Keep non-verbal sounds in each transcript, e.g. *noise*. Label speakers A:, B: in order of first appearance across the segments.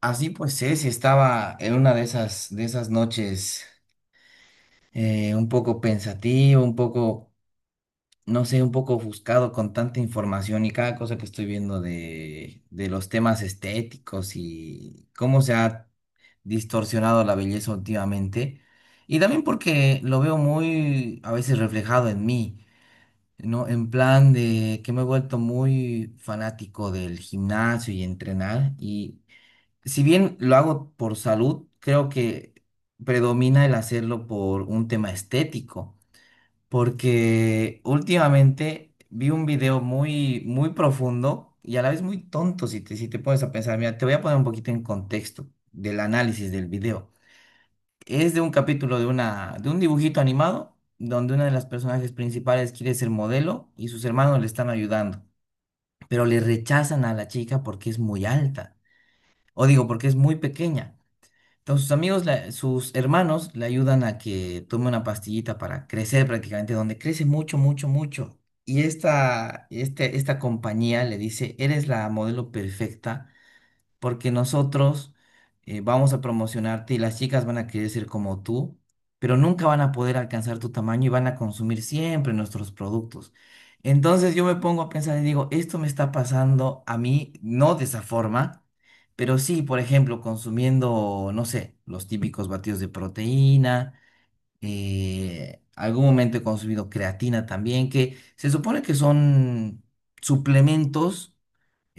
A: Así pues Ceci estaba en una de esas noches un poco pensativo, un poco, no sé, un poco ofuscado con tanta información y cada cosa que estoy viendo de los temas estéticos y cómo se ha distorsionado la belleza últimamente. Y también porque lo veo muy a veces reflejado en mí, ¿no? En plan de que me he vuelto muy fanático del gimnasio y entrenar y... si bien lo hago por salud, creo que predomina el hacerlo por un tema estético, porque últimamente vi un video muy, muy profundo y a la vez muy tonto si te pones a pensar. Mira, te voy a poner un poquito en contexto del análisis del video. Es de un capítulo de una, de un dibujito animado donde una de las personajes principales quiere ser modelo y sus hermanos le están ayudando, pero le rechazan a la chica porque es muy alta, o digo, porque es muy pequeña. Entonces sus amigos, sus hermanos le ayudan a que tome una pastillita para crecer prácticamente, donde crece mucho, mucho, mucho. Y esta, esta compañía le dice, eres la modelo perfecta porque nosotros vamos a promocionarte y las chicas van a querer ser como tú, pero nunca van a poder alcanzar tu tamaño y van a consumir siempre nuestros productos. Entonces yo me pongo a pensar y digo, esto me está pasando a mí, no de esa forma, pero sí, por ejemplo, consumiendo, no sé, los típicos batidos de proteína. Algún momento he consumido creatina también, que se supone que son suplementos,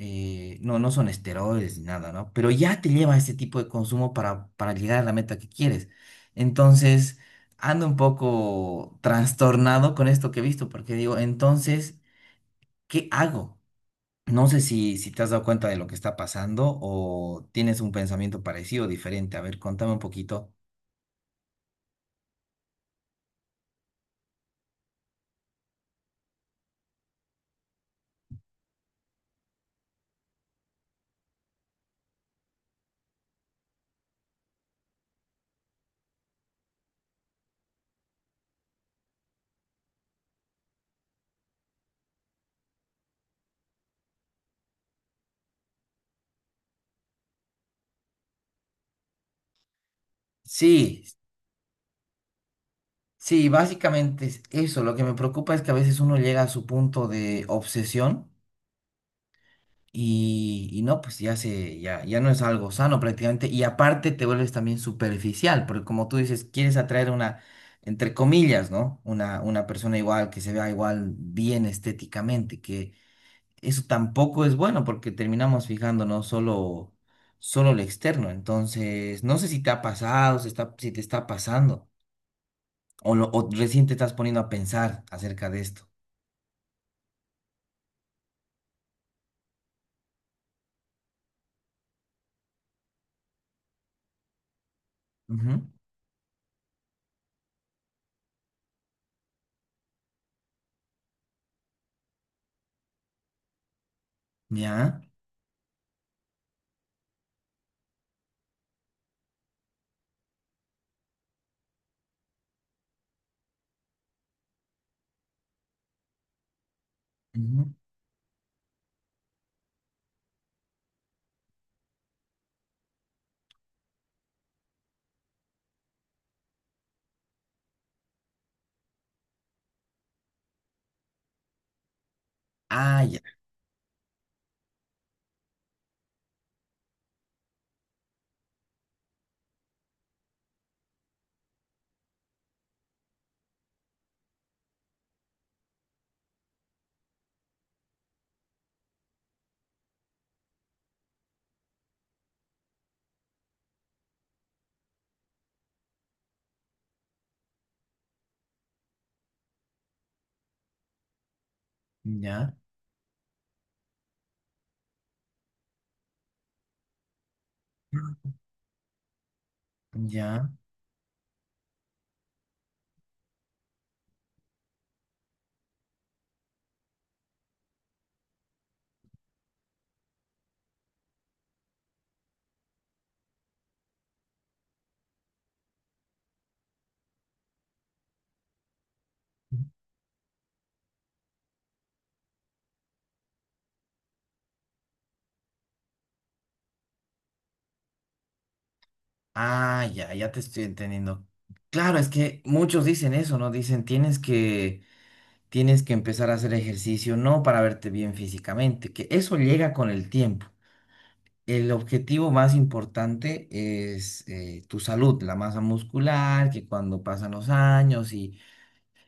A: no, son esteroides ni nada, ¿no? Pero ya te lleva a ese tipo de consumo para llegar a la meta que quieres. Entonces, ando un poco trastornado con esto que he visto, porque digo, entonces, ¿qué hago? No sé si te has dado cuenta de lo que está pasando o tienes un pensamiento parecido o diferente. A ver, contame un poquito. Sí, sí, básicamente es eso. Lo que me preocupa es que a veces uno llega a su punto de obsesión. Y no, pues ya, ya no es algo sano prácticamente. Y aparte te vuelves también superficial, porque como tú dices, quieres atraer una, entre comillas, ¿no? Una persona igual, que se vea igual bien estéticamente, que eso tampoco es bueno porque terminamos fijándonos solo, solo lo externo. Entonces, no sé si te ha pasado, si te está pasando, o recién te estás poniendo a pensar acerca de esto. Ujú. Ya. Ujú. Ah, ya. Ya. Ya. Ah, ya, ya te estoy entendiendo. Claro, es que muchos dicen eso, ¿no? Dicen, tienes que empezar a hacer ejercicio, no para verte bien físicamente, que eso llega con el tiempo. El objetivo más importante es tu salud, la masa muscular, que cuando pasan los años y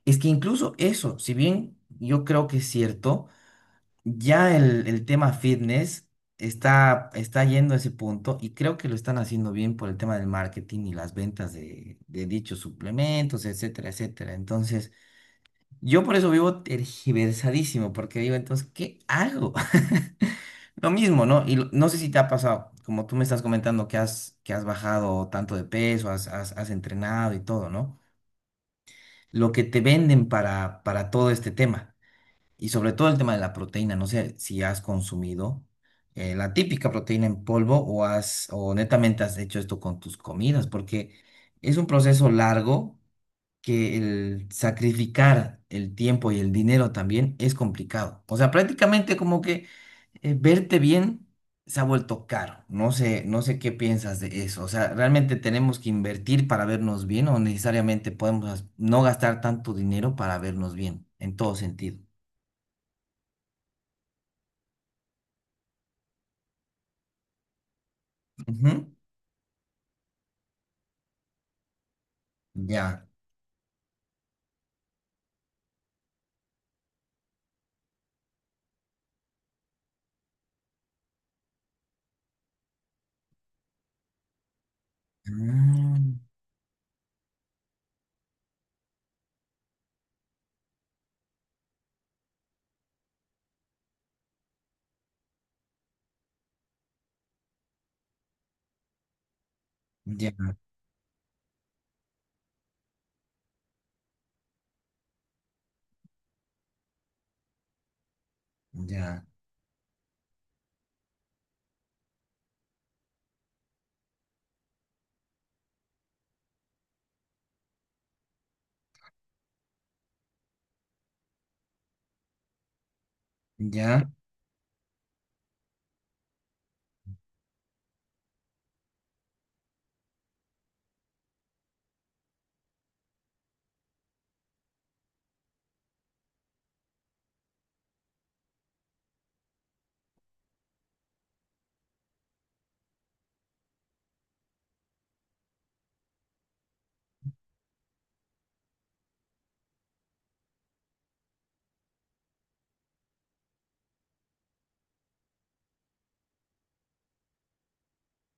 A: es que incluso eso, si bien yo creo que es cierto, ya el tema fitness está yendo a ese punto y creo que lo están haciendo bien por el tema del marketing y las ventas de dichos suplementos, etcétera, etcétera. Entonces, yo por eso vivo tergiversadísimo, porque digo, entonces, ¿qué hago? *laughs* Lo mismo, ¿no? No sé si te ha pasado, como tú me estás comentando que has bajado tanto de peso, has entrenado y todo, ¿no? Lo que te venden para todo este tema. Y sobre todo el tema de la proteína, no sé si has consumido la típica proteína en polvo o netamente has hecho esto con tus comidas, porque es un proceso largo, que el sacrificar el tiempo y el dinero también es complicado. O sea, prácticamente como que verte bien se ha vuelto caro. No sé, no sé qué piensas de eso. O sea, ¿realmente tenemos que invertir para vernos bien o necesariamente podemos no gastar tanto dinero para vernos bien en todo sentido? Ya. Ah, ya, ya, ya.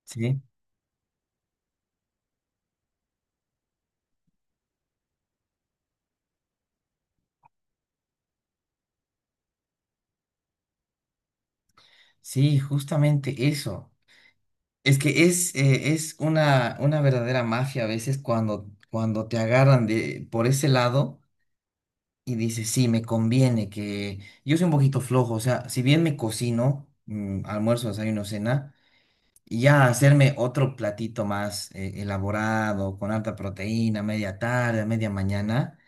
A: Sí, sí, justamente eso. Es que es una verdadera mafia a veces cuando te agarran de, por ese lado y dices, sí, me conviene que yo soy un poquito flojo. O sea, si bien me cocino, mm, almuerzo, desayuno, cena, y ya hacerme otro platito más elaborado, con alta proteína, media tarde, media mañana.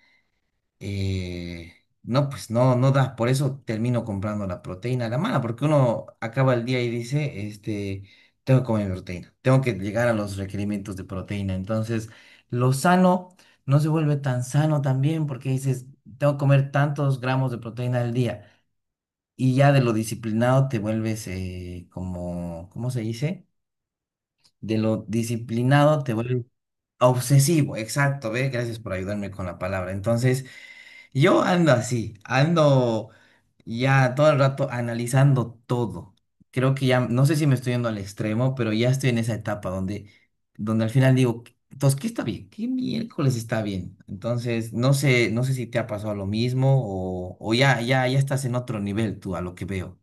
A: eh, no, pues no, no da. Por eso termino comprando la proteína a la mala, porque uno acaba el día y dice, este, tengo que comer proteína, tengo que llegar a los requerimientos de proteína. Entonces, lo sano no se vuelve tan sano también, porque dices, tengo que comer tantos gramos de proteína al día. Y ya de lo disciplinado te vuelves como, ¿cómo se dice? De lo disciplinado te vuelves obsesivo, exacto, ve, gracias por ayudarme con la palabra. Entonces, yo ando así, ando ya todo el rato analizando todo. Creo que ya, no sé si me estoy yendo al extremo, pero ya estoy en esa etapa donde, donde al final digo, "¿Qué- entonces, ¿qué está bien? ¿Qué miércoles está bien?" Entonces, no sé, no sé si te ha pasado lo mismo o ya, ya, ya estás en otro nivel tú a lo que veo.